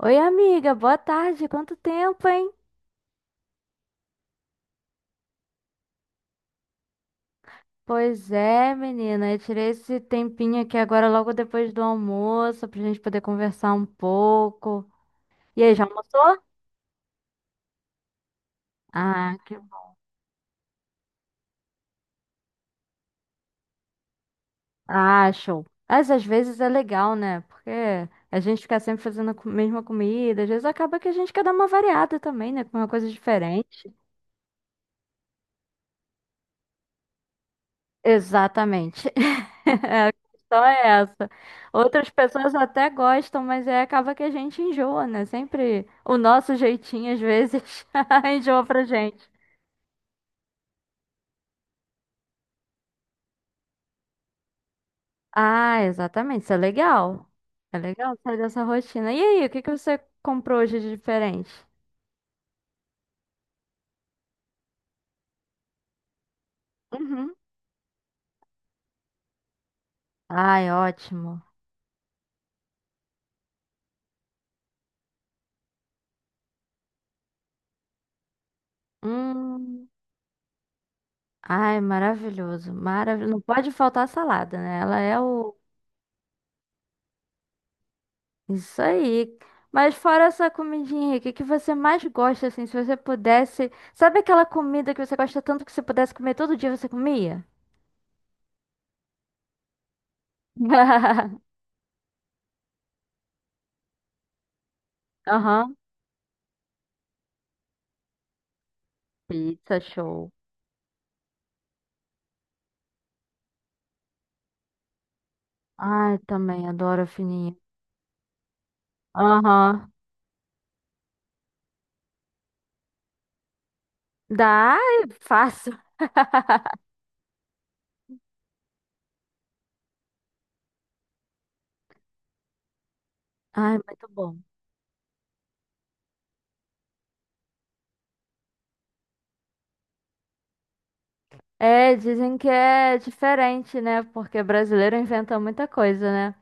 Oi, amiga, boa tarde. Quanto tempo, hein? Pois é, menina, eu tirei esse tempinho aqui agora logo depois do almoço pra gente poder conversar um pouco. E aí, já almoçou? Ah, que bom. Ah, show. Mas às vezes é legal, né? Porque a gente fica sempre fazendo a mesma comida, às vezes acaba que a gente quer dar uma variada também, né? Com uma coisa diferente. Exatamente. A questão é essa. Outras pessoas até gostam, mas é, acaba que a gente enjoa, né? Sempre o nosso jeitinho, às vezes, enjoa pra gente. Ah, exatamente. Isso é legal. É legal sair dessa rotina. E aí, o que que você comprou hoje de diferente? Uhum. Ai, ótimo. Hum. Ai, maravilhoso. Maravilhoso. Não pode faltar salada, né? Ela é o... Isso aí. Mas fora essa comidinha, o que que você mais gosta, assim, se você pudesse... Sabe aquela comida que você gosta tanto que você pudesse comer todo dia, você comia? Aham. Pizza, show. Ai, também adoro a fininha. Aham. Dá, ai, fácil. Ai, muito bom. É, dizem que é diferente, né? Porque brasileiro inventa muita coisa, né?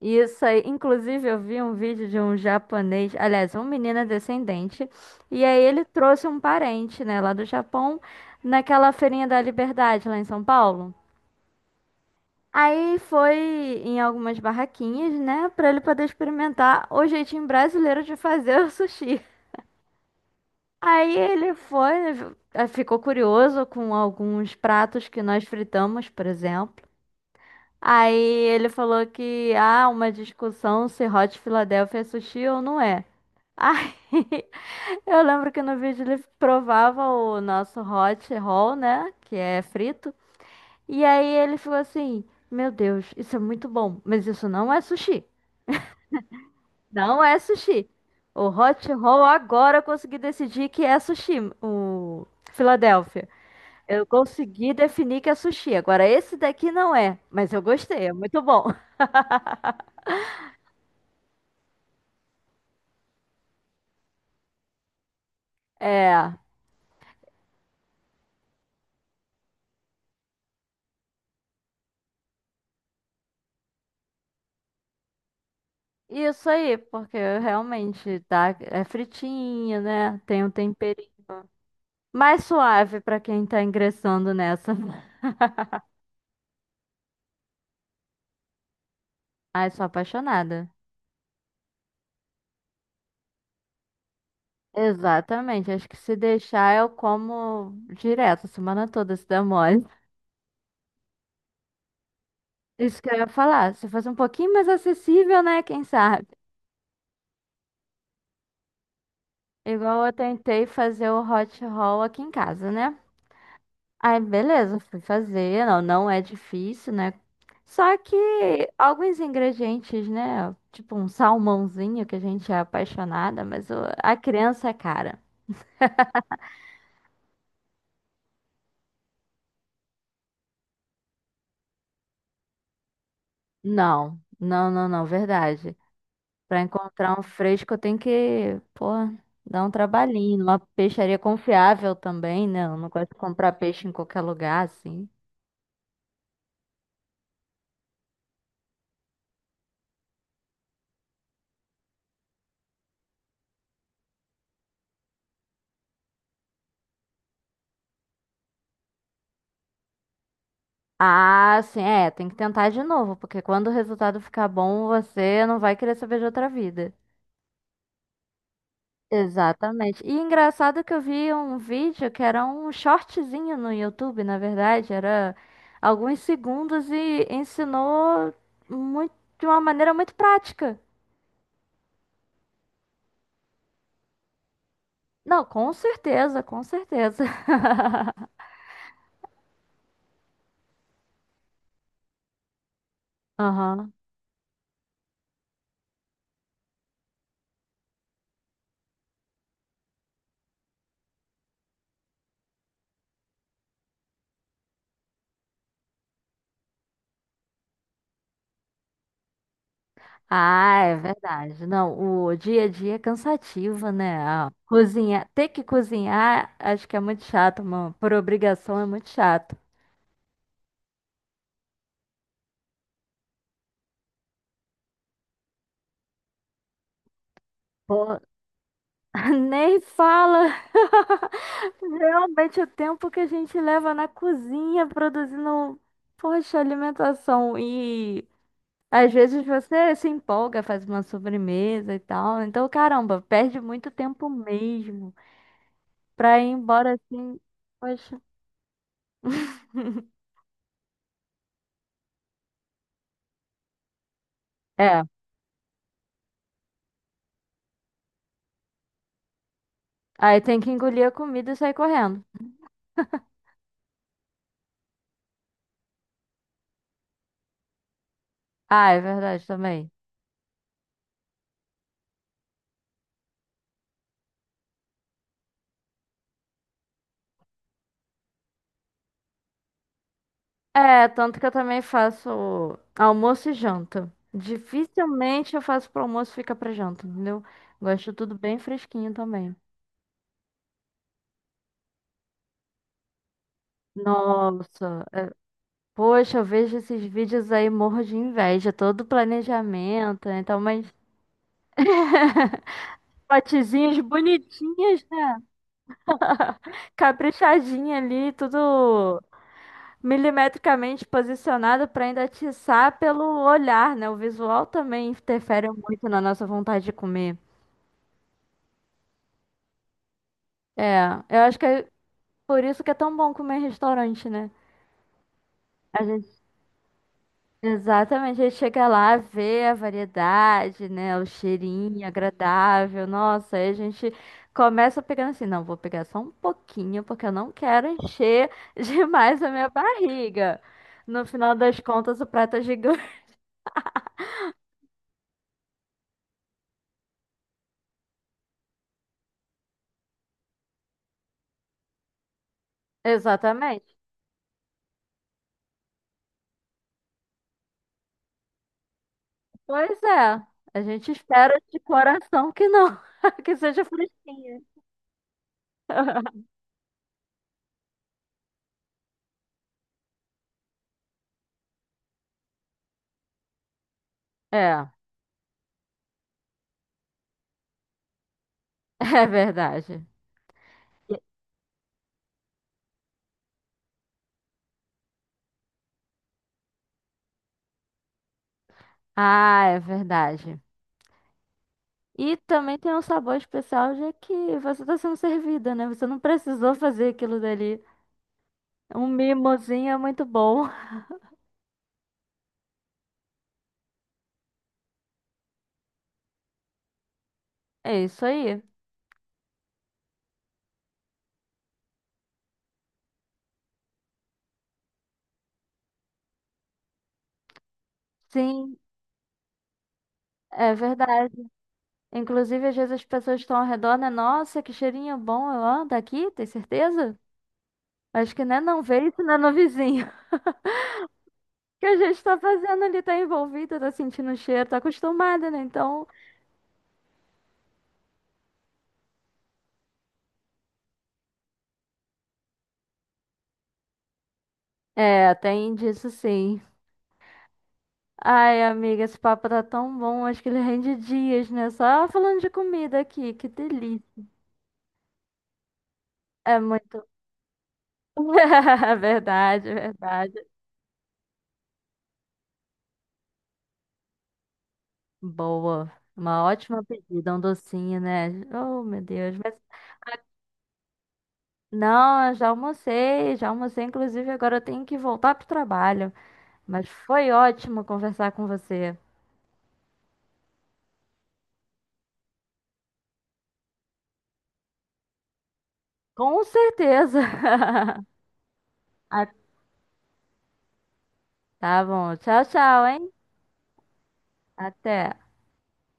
Isso aí, inclusive eu vi um vídeo de um japonês, aliás, um menino é descendente, e aí ele trouxe um parente, né, lá do Japão, naquela feirinha da Liberdade, lá em São Paulo. Aí foi em algumas barraquinhas, né, pra ele poder experimentar o jeitinho brasileiro de fazer o sushi. Aí ele foi, ficou curioso com alguns pratos que nós fritamos, por exemplo. Aí ele falou que há uma discussão se Hot Philadelphia é sushi ou não é. Ai, eu lembro que no vídeo ele provava o nosso hot roll, né? Que é frito. E aí ele falou assim: Meu Deus, isso é muito bom, mas isso não é sushi. Não é sushi. O hot roll agora eu consegui decidir que é sushi, o Filadélfia. Eu consegui definir que é sushi. Agora esse daqui não é, mas eu gostei, é muito bom. É, isso aí, porque realmente tá, é fritinho, né? Tem um temperinho. Mais suave pra quem tá ingressando nessa. Ai, sou apaixonada. Exatamente, acho que se deixar eu como direto, a semana toda se der mole. Isso que eu ia falar, se fosse um pouquinho mais acessível, né? Quem sabe? Igual eu tentei fazer o hot roll aqui em casa, né? Aí, beleza, fui fazer, não, não é difícil, né? Só que alguns ingredientes, né? Tipo um salmãozinho que a gente é apaixonada, mas a criança é cara. Não, não, não, não, verdade. Pra encontrar um fresco, eu tenho que, pô, dar um trabalhinho, numa peixaria confiável também, né? Eu não gosto de comprar peixe em qualquer lugar, assim. Ah, sim, é, tem que tentar de novo, porque quando o resultado ficar bom, você não vai querer saber de outra vida. Exatamente. E engraçado que eu vi um vídeo que era um shortzinho no YouTube, na verdade, era alguns segundos e ensinou muito, de uma maneira muito prática. Não, com certeza, com certeza. Aham. Ah, é verdade. Não, o dia a dia é cansativo, né? Ah, cozinhar, ter que cozinhar, acho que é muito chato, mano. Por obrigação é muito chato. Pô, nem fala. Realmente o tempo que a gente leva na cozinha produzindo, poxa, alimentação e às vezes você se empolga, faz uma sobremesa e tal. Então, caramba, perde muito tempo mesmo. Pra ir embora assim. Poxa. É. Aí tem que engolir a comida e sair correndo. Ah, é verdade também. É, tanto que eu também faço almoço e janta. Dificilmente eu faço pro almoço e fica pra janta, entendeu? Gosto tudo bem fresquinho também. Nossa. Poxa, eu vejo esses vídeos aí, morro de inveja. Todo planejamento, né? Então, mas. Potezinhas bonitinhas, né? Caprichadinha ali, tudo. Milimetricamente posicionada para ainda atiçar pelo olhar, né? O visual também interfere muito na nossa vontade de comer. É, eu acho que é por isso que é tão bom comer em restaurante, né? A gente, exatamente, a gente chega lá, vê a variedade, né? O cheirinho agradável, nossa, aí a gente começa pegando assim, não, vou pegar só um pouquinho, porque eu não quero encher demais a minha barriga. No final das contas, o prato é gigante. Exatamente. Pois é, a gente espera de coração que não, que seja fresquinha. É, é verdade. E- Ah, é verdade. E também tem um sabor especial, já que você está sendo servida, né? Você não precisou fazer aquilo dali. Um mimozinho é muito bom. É isso aí. Sim, é verdade. Inclusive, às vezes as pessoas estão ao redor, né? Nossa, que cheirinho bom, ó, daqui, tem certeza? Acho que né, não veio isso, né, no vizinho. Que a gente tá fazendo ali, tá envolvida, tá sentindo o cheiro, tá acostumada, né? Então, é, tem disso sim. Ai, amiga, esse papo tá tão bom, acho que ele rende dias, né? Só falando de comida aqui, que delícia. É muito. Verdade, verdade. Boa. Uma ótima pedida, um docinho, né? Oh, meu Deus. Mas não, eu já almocei, já almocei. Inclusive, agora eu tenho que voltar pro trabalho. Mas foi ótimo conversar com você. Com certeza. A Tá bom. Tchau, tchau, hein? Até.